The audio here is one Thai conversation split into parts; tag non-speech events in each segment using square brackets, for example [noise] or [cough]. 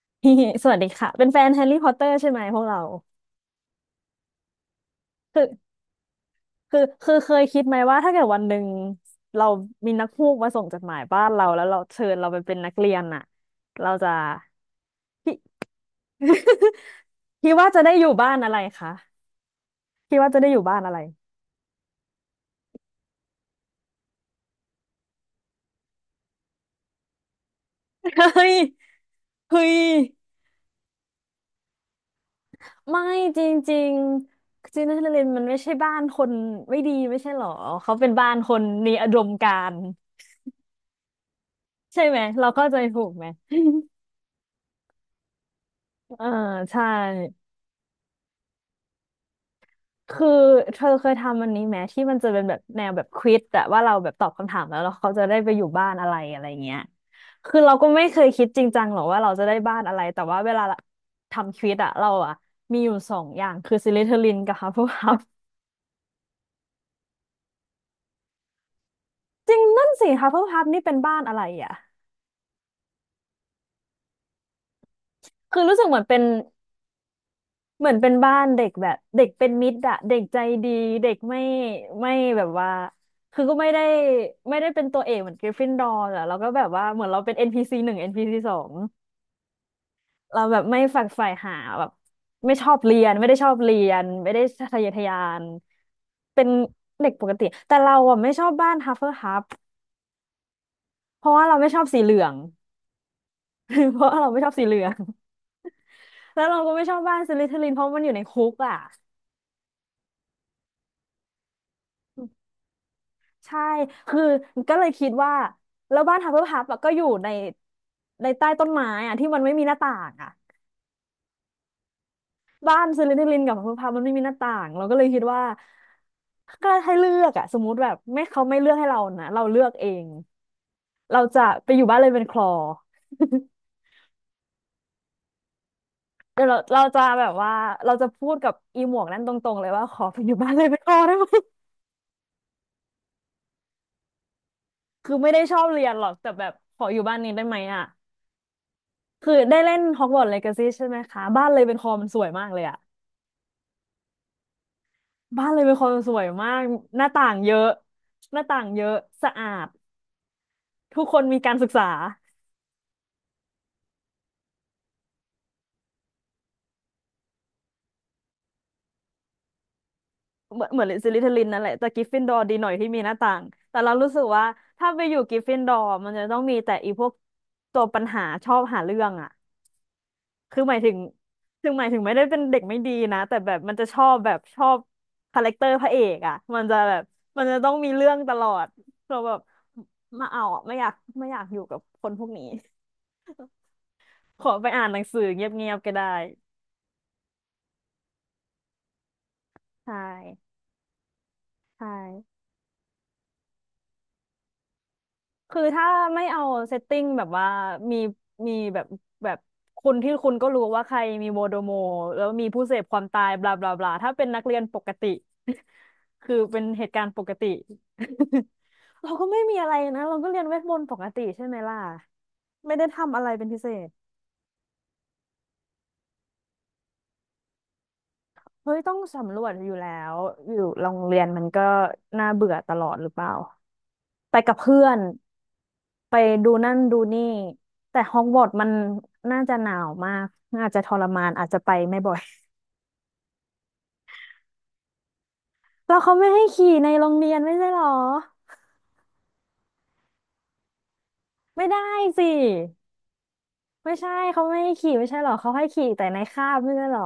[laughs] พี่สวัสดีค่ะเป็นแฟนแฮร์รี่พอตเตอร์ใช่ไหมพวกเราคือคือเคยคิดไหมว่าถ้าเกิดวันหนึ่งเรามีนักพูกมาส่งจดหมายบ้านเราแล้วเราเชิญเราไปเป็นนักเรียนน่ะเราจะพี่ [laughs] พี่ [laughs] ว่าจะได้อยู่บ้านอะไรคะพี่ว่าจะได้อยู่บ้านอะไรเฮ้ยเฮ้ยไม่จริงๆจีนนเรนมันไม่ใช่บ้านคนไม่ดีไม่ใช่หรอเขาเป็นบ้านคนมีอุดมการณ์ใช่ไหมเราเข้าใจถูกไหม [laughs] เออใช่ คือเธอเคยทำอันนี้ไหมที่มันจะเป็นแบบแนวแบบควิซอะว่าเราแบบตอบคำถามแล้วเราเขาจะได้ไปอยู่บ้านอะไรอะไรเงี้ยคือเราก็ไม่เคยคิดจริงจังหรอกว่าเราจะได้บ้านอะไรแต่ว่าเวลาทำควิซอะเราอะมีอยู่สองอย่างคือซิลิเทอรินกับฮัฟเฟิลพัฟจริงนั่นสิฮัฟเฟิลพัฟนี่เป็นบ้านอะไรอะคือรู้สึกเหมือนเป็น เหมือนเป็นบ้านเด็กแบบเด็กเป็นมิตรอะเด็กใจดีเด็กไม่แบบว่าคือก็ไม่ได้เป็นตัวเอกเหมือนกริฟฟินดอร์อะเราก็แบบว่าเหมือนเราเป็นเอ็นพีซ c หนึ่งเอ็นพีซ c สองเราแบบไม่ฝักใฝ่หาแบบไม่ชอบเรียนไม่ได้ชอบเรียนไม่ได้ทะเยอทะยานเป็นเด็กปกติแต่เราอะไม่ชอบบ้านฮัฟเฟิลพัฟเพราะว่าเราไม่ชอบสีเหลือง [laughs] เพราะว่าเราไม่ชอบสีเหลืองแล้วเราก็ไม่ชอบบ้านสลิธีรินเพราะมันอยู่ในคุกอะ ใช่ คือก็เลยคิดว่าแล้วบ้านฮับเบิลฮับอะก็อยู่ในใต้ต้นไม้อะที่มันไม่มีหน้าต่างอะบ้านซิลิทิลินกับฮับเบิลฮับมันไม่มีหน้าต่าง เราก็เลยคิดว่าก็ให้เลือกอะสมมุติแบบไม่เขาไม่เลือกให้เรานะเราเลือกเอง เราจะไปอยู่บ้านเลยเป็นคลอเดี๋ยวเราจะแบบว่าเราจะพูดกับอีหมวกนั้นตรงๆเลยว่าขอไปอยู่บ้านเลยเป็นคลอได้ไหมคือไม่ได้ชอบเรียนหรอกแต่แบบขออยู่บ้านนี้ได้ไหมอะคือได้เล่นฮอกวอตส์เลกาซี่ใช่ไหมคะบ้านเลยเป็นคลอมันสวยมากเลยอะ บ้านเลยเป็นคนสวยมากหน้าต่างเยอะหน้าต่างเยอะสะอาดทุกคนมีการศึกษาเหมือนซิลิทลินนั่นแหละแต่กริฟฟินดอร์ดีหน่อยที่มีหน้าต่างแต่เรารู้สึกว่าถ้าไปอยู่กริฟฟินดอร์มันจะต้องมีแต่อีพวกตัวปัญหาชอบหาเรื่องอ่ะคือหมายถึงถึงหมายถึงไม่ได้เป็นเด็กไม่ดีนะแต่แบบมันจะชอบคาแรคเตอร์พระเอกอ่ะมันจะแบบมันจะต้องมีเรื่องตลอดเราแบบไมาเอาอะไม่อยากอยู่กับคนพวกนี้ขอไปอ่านหนังสือเงียบๆก็ได้ ใช่ใช่คือถ้าไม่เอาเซตติ้งแบบว่ามีมีแบบคุณที่คุณก็รู้ว่าใครมีโมโดโมแล้วมีผู้เสพความตายบลาบลาบลาถ้าเป็นนักเรียนปกติ [laughs] คือเป็นเหตุการณ์ปกติ [laughs] เราก็ไม่มีอะไรนะเราก็เรียนเวทมนต์ปกติใช่ไหมล่ะไม่ได้ทำอะไรเป็นพิเศษเฮ้ยต้องสำรวจอยู่แล้วอยู่โรงเรียนมันก็น่าเบื่อตลอดหรือเปล่าไปกับเพื่อน ไปดูนั่นดูนี่แต่ฮอกวอตส์มันน่าจะหนาวมากอาจจะทรมานอาจจะไปไม่บ่อย [laughs] แล้วเขาไม่ให้ขี่ในโรงเรียนไม่ใช่หรอไม่ได้สิไม่ใช่เขาไม่ให้ขี่ไม่ใช่หรอเขาให้ขี่แต่ในคาบไม่ใช่หรอ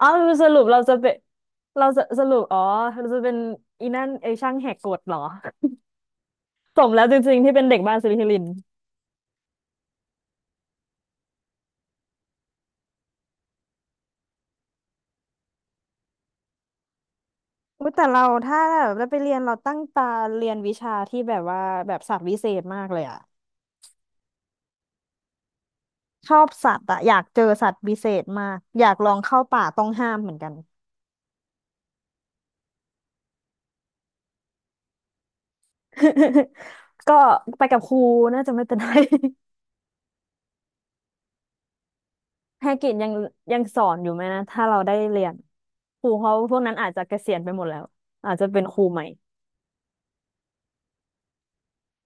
อ๋อสรุปเราจะเป็นเราจะสรุปอ๋อเราจะเป็นอีนั่นไอช่างแหกกฎเหรอสมแล้วจริงๆที่เป็นเด็กบ้านสิลิคิลินอุ๊ยแต่เราถ้าแบบได้ไปเรียนเราตั้งตาเรียนวิชาที่แบบว่าแบบศาสตร์วิเศษมากเลยอะ ชอบสัตว์อะอยากเจอสัตว์วิเศษมากอยากลองเข้าป่าต้องห้ามเหมือนกัน [laughs] ก็ไปกับครูน่าจะไม่เป็นไร [laughs] ภาคกิจยังสอนอยู่ไหมนะถ้าเราได้เรียนครูเขาพวกนั้นอาจจะเกษียณไปหมดแล้วอาจจะเป็นครูใหม่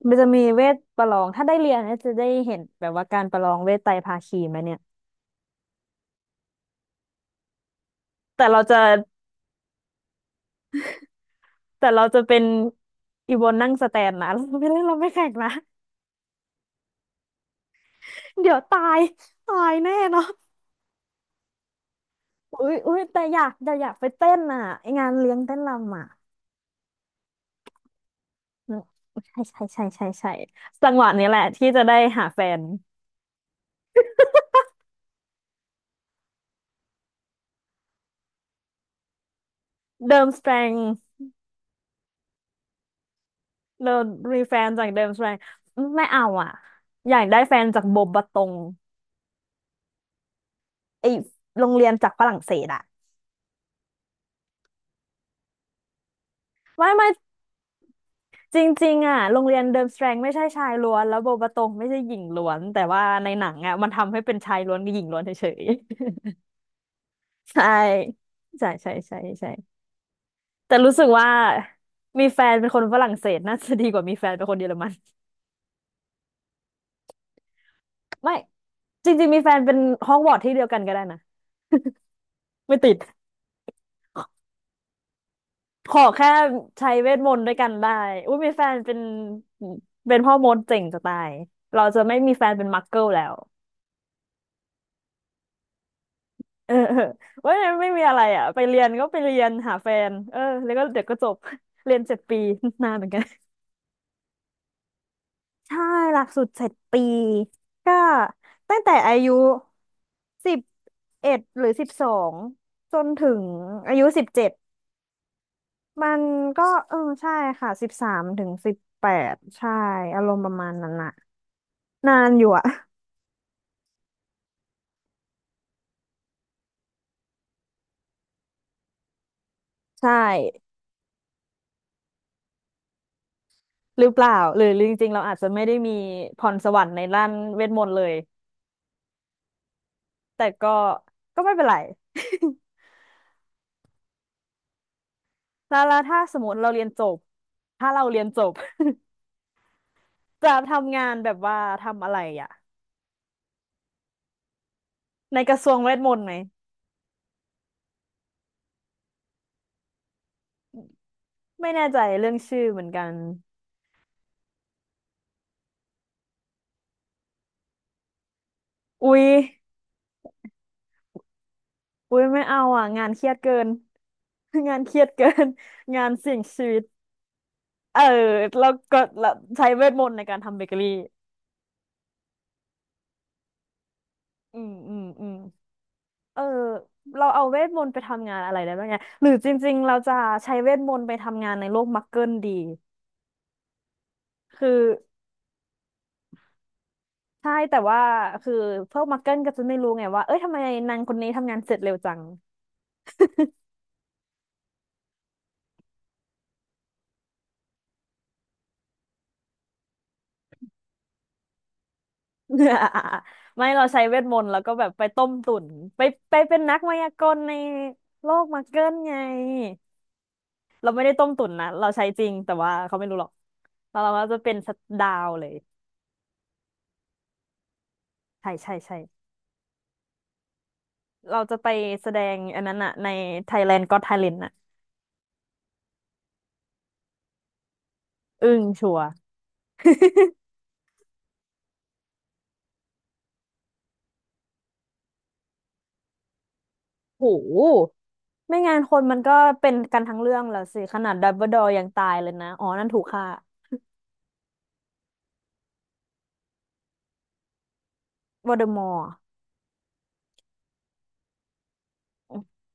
มันจะมีเวทประลองถ้าได้เรียนเนี่ยจะได้เห็นแบบว่าการประลองเวทไตรภาคีไหมเนี่ยแต่เราจะแต่เราจะเป็นอีวอนนั่งสแตนนะ [laughs] เราไม่ได้เราไม่แข่งนะเดี๋ยวตายตายแน่เนาะ อุ้ยอุ้ยแต่อยากไปเต้นอ่ะไองานเลี้ยงเต้นรำอ่ะอืมใช่ใช่ใช่ใช่ใช่จังหวะนี้แหละที่จะได้หาแฟนเดิมสแตรงเรามีแฟนจากเดิมสแตรงไม่เอาอ่ะอยากได้แฟนจากโบบะตงไอโรงเรียนจากฝรั่งเศสอ่ะไม่ไม่จริงๆอ่ะโรงเรียนเดิมสแตรงไม่ใช่ชายล้วนแล้วโบบะตงไม่ใช่หญิงล้วนแต่ว่าในหนังอ่ะมันทำให้เป็นชายล้วนกับหญิงล้วนเฉยๆ [laughs] ใช่ใช่ใช่ใช่ใช่ แต่รู้สึกว่ามีแฟนเป็นคนฝรั่งเศสน่าจะดีกว่ามีแฟนเป็นคนเยอรมันไม่จริงๆมีแฟนเป็นฮอกวอตส์ที่เดียวกันก็ได้นะไม่ติดขอแค่ใช้เวทมนต์ด้วยกันได้อุ้ยมีแฟนเป็นพ่อมดเจ๋งจะตายเราจะไม่มีแฟนเป็นมักเกิลแล้วเออเออเว่าไม่มีอะไรอ่ะไปเรียนก็ไปเรียนหาแฟนเออแล้วก็เดี๋ยวก็จบเรียนเจ็ดปีนานเหมือนกัน ใช่หลักสูตร7 ปีก็ตั้งแต่อายุ11 หรือ 12จนถึงอายุ17มันก็เออใช่ค่ะ13 ถึง 18ใช่อารมณ์ประมาณนั้นน่ะนานอยู่อะ [laughs] ใช่หรือเปล่าหรือจริงๆเราอาจจะไม่ได้มีพรสวรรค์ในด้านเวทมนต์เลยแต่ก็ไม่เป็นไร [laughs] แล้วถ้าสมมติเราเรียนจบถ้าเราเรียนจบ [laughs] จะทำงานแบบว่าทำอะไรอ่ะ ในกระทรวงเวทมนต์ไหมไม่แน่ใจเรื่องชื่อเหมือนกันอุ๊ยอุ๊ยไม่เอาอ่ะงานเครียดเกิน [laughs] งานเครียดเกิน [laughs] งานเสี่ยงชีวิตเออแล้วก็แล้วใช้เวทมนต์ในการทำเบเกอรี่อืมอืมอืมเออเราเอาเวทมนต์ไปทำงานอะไรได้บ้างเนี่ยหรือจริงๆเราจะใช้เวทมนต์ไปทำงานในโลกมักเกิลดีคือใช่แต่ว่าคือพวกมักเกิลก็จะไม่รู้ไงว่าเอ้ยทำไมนางคนนี้ทำงานเสร็จเร็วจัง [laughs] ไม่เราใช้เวทมนต์แล้วก็แบบไปต้มตุ๋นไปไปเป็นนักมายากลในโลกมาเกิลไงเราไม่ได้ต้มตุ๋นนะเราใช้จริงแต่ว่าเขาไม่รู้หรอกแล้วเราก็จะเป็นสตว์ดาวเลยใช่ใช่ใช่เราจะไปแสดงอันนั้นอะใน Thailand Got Talent อะอึ้งชัวร์ [laughs] โหไม่งั้นคนมันก็เป็นกันทั้งเรื่องแล้วสิขนาดดัมเบิลดอร์ยังตายเลยนะอ๋อนั่นถูกฆ่าวอลเดอมอร์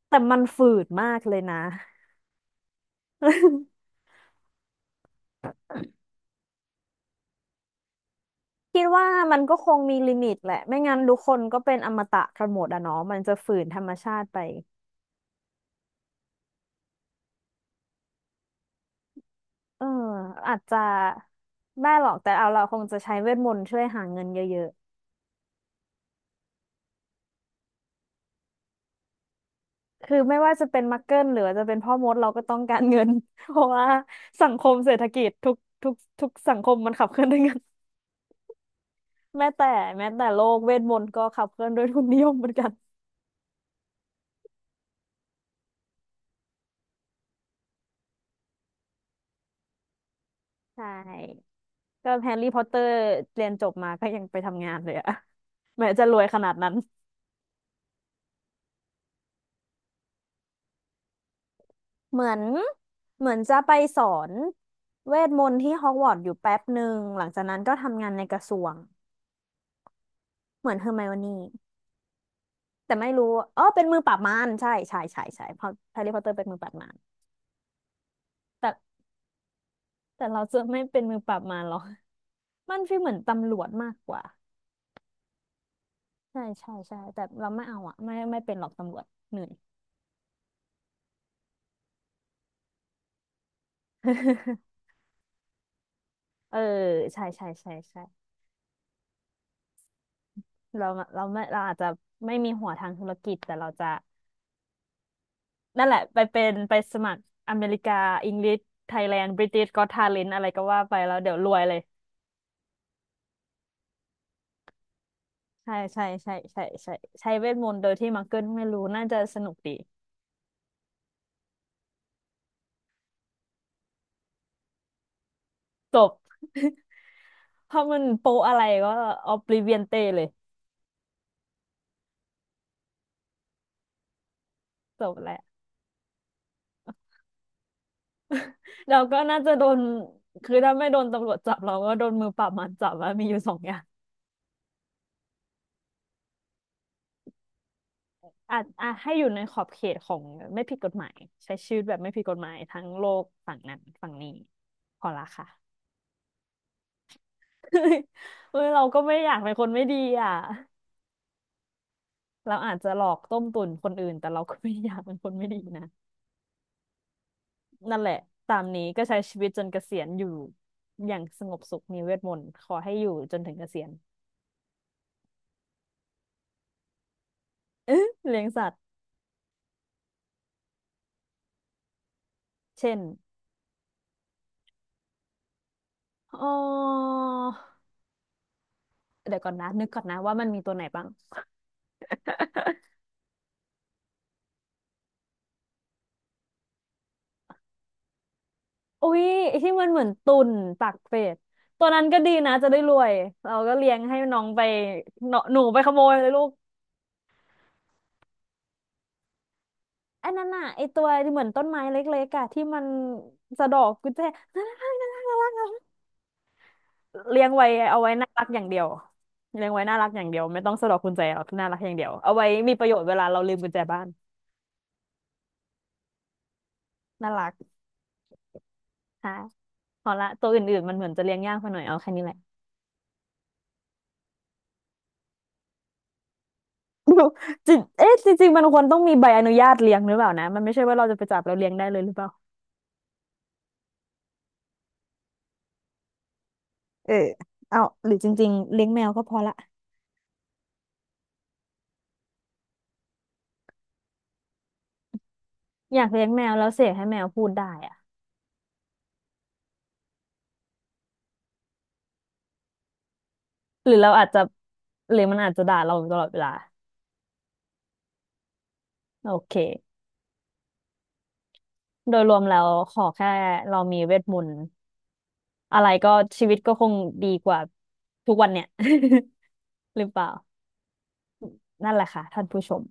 แต่มันฝืดมากเลยนะ [laughs] คิดว่ามันก็คงมีลิมิตแหละไม่งั้นทุกคนก็เป็นอมตะกันหมดอะเนาะมันจะฝืนธรรมชาติไปเอออาจจะไม่หรอกแต่เอาเราคงจะใช้เวทมนต์ช่วยหาเงินเยอะๆคือไม่ว่าจะเป็นมักเกิลหรือว่าจะเป็นพ่อมดเราก็ต้องการเงิน [laughs] เพราะว่าสังคมเศรษฐกิจทุกสังคมมันขับเคลื่อนด้วยเงินแม้แต่แม้แต่โลกเวทมนต์ก็ขับเคลื่อนด้วยทุนนิยมเหมือนกันใช่ก็แฮร์รี่พอตเตอร์เรียนจบมาก็ยังไปทำงานเลยอะแม้จะรวยขนาดนั้น เหมือนเหมือนจะไปสอนเวทมนต์ที่ฮอกวอตส์อยู่แป๊บหนึ่งหลังจากนั้นก็ทำงานในกระทรวงเหมือนเฮอร์ไมโอนี่แต่ไม่รู้อ๋อเป็นมือปราบมารใช่ใช่ใช่ใช่เพราะแฮร์รี่พอตเตอร์เป็นมือปราบมารแต่แต่เราจะไม่เป็นมือปราบมารหรอกมันฟีลเหมือนตำรวจมากกว่าใช่ใช่ใช่แต่เราไม่เอาอะไม่ไม่เป็นหรอกตำรวจเหนื่อย [laughs] เออใช่ใช่ใช่ใช่เราเราไม่เราอาจจะไม่มีหัวทางธุรกิจแต่เราจะ นั่นแหละไปเป็นไปสมัครอเมริกาอังกฤษไทยแลนด์บริติชก็อตทาเลนต์อะไรก็ว่าไปแล้วเดี๋ยวรวยเลยใช่ใช่ใช่ใช่ใช่ใช้เวทมนต์โดยที่มังเกิลไม่รู้น่าจะสนุกดีจบ [laughs] เพราะมันโปอะไรก็ออบลิเวียนเตเลยจบแหละเราก็น่าจะโดนคือถ้าไม่โดนตำรวจจับเราก็โดนมือปราบมันจับว่ามีอยู่สองอย่างอ่ะอ่ะให้อยู่ในขอบเขตของไม่ผิดกฎหมายใช้ชีวิตแบบไม่ผิดกฎหมายทั้งโลกฝั่งนั้นฝั่งนี้พอละค่ะ เอ้ยเราก็ไม่อยากเป็นคนไม่ดีอ่ะเราอาจจะหลอกต้มตุ๋นคนอื่นแต่เราก็ไม่อยากเป็นคนไม่ดีนะนั่นแหละตามนี้ก็ใช้ชีวิตจนเกษียณอยู่อย่างสงบสุขมีเวทมนต์ขอให้อยู่จนถึงเกษียณ [laughs] เอ๊ะเลี้ยงสัตว์เช่นอ๋อเดี๋ยวก่อนนะนึกก่อนนะว่ามันมีตัวไหนบ้างอุ้ยไอ้ที่มันเหมือนตุ่นปากเป็ดตัวนั้นก็ดีนะจะได้รวยเราก็เลี้ยงให้น้องไปเนาะหนูไปขโมยเลยลูก ไอ้นั่นน่ะไอ้ตัวที่เหมือนต้นไม้เล็กๆอะที่มันสะดอกกุญแจน่ารักน่ารักน่ารักเลี้ยงไว้เอาไว้น่ารักอย่างเดียวเลี้ยงไว้น่ารักอย่างเดียวไม่ต้องสะดอกกุญแจหรอกน่ารักอย่างเดียวเอาไว้มีประโยชน์เวลาเราลืมกุญแจบ้านน่ารักค่ะพอละตัวอื่นๆมันเหมือนจะเลี้ยงยากไปหน่อยเอาแค่นี้แหละ [laughs] จริงเอ๊ะจริงๆมันควรต้องมีใบอนุญาตเลี้ยงหรือเปล่านะมันไม่ใช่ว่าเราจะไปจับแล้วเลี้ยงได้เลยหรือเปล่าเออเอาหรือจริงๆเลี้ยงแมวก็พอละอยากเลี้ยงแมวแล้วเสกให้แมวพูดได้อะ หรือเราอาจจะหรือมันอาจจะด่าเราอยู่ตลอดเวลาโอเคโดยรวมแล้วขอแค่เรามีเวทมนต์อะไรก็ชีวิตก็คงดีกว่าทุกวันเนี่ย [laughs] หรือเปล่านั่นแหละค่ะท่านผู้ชม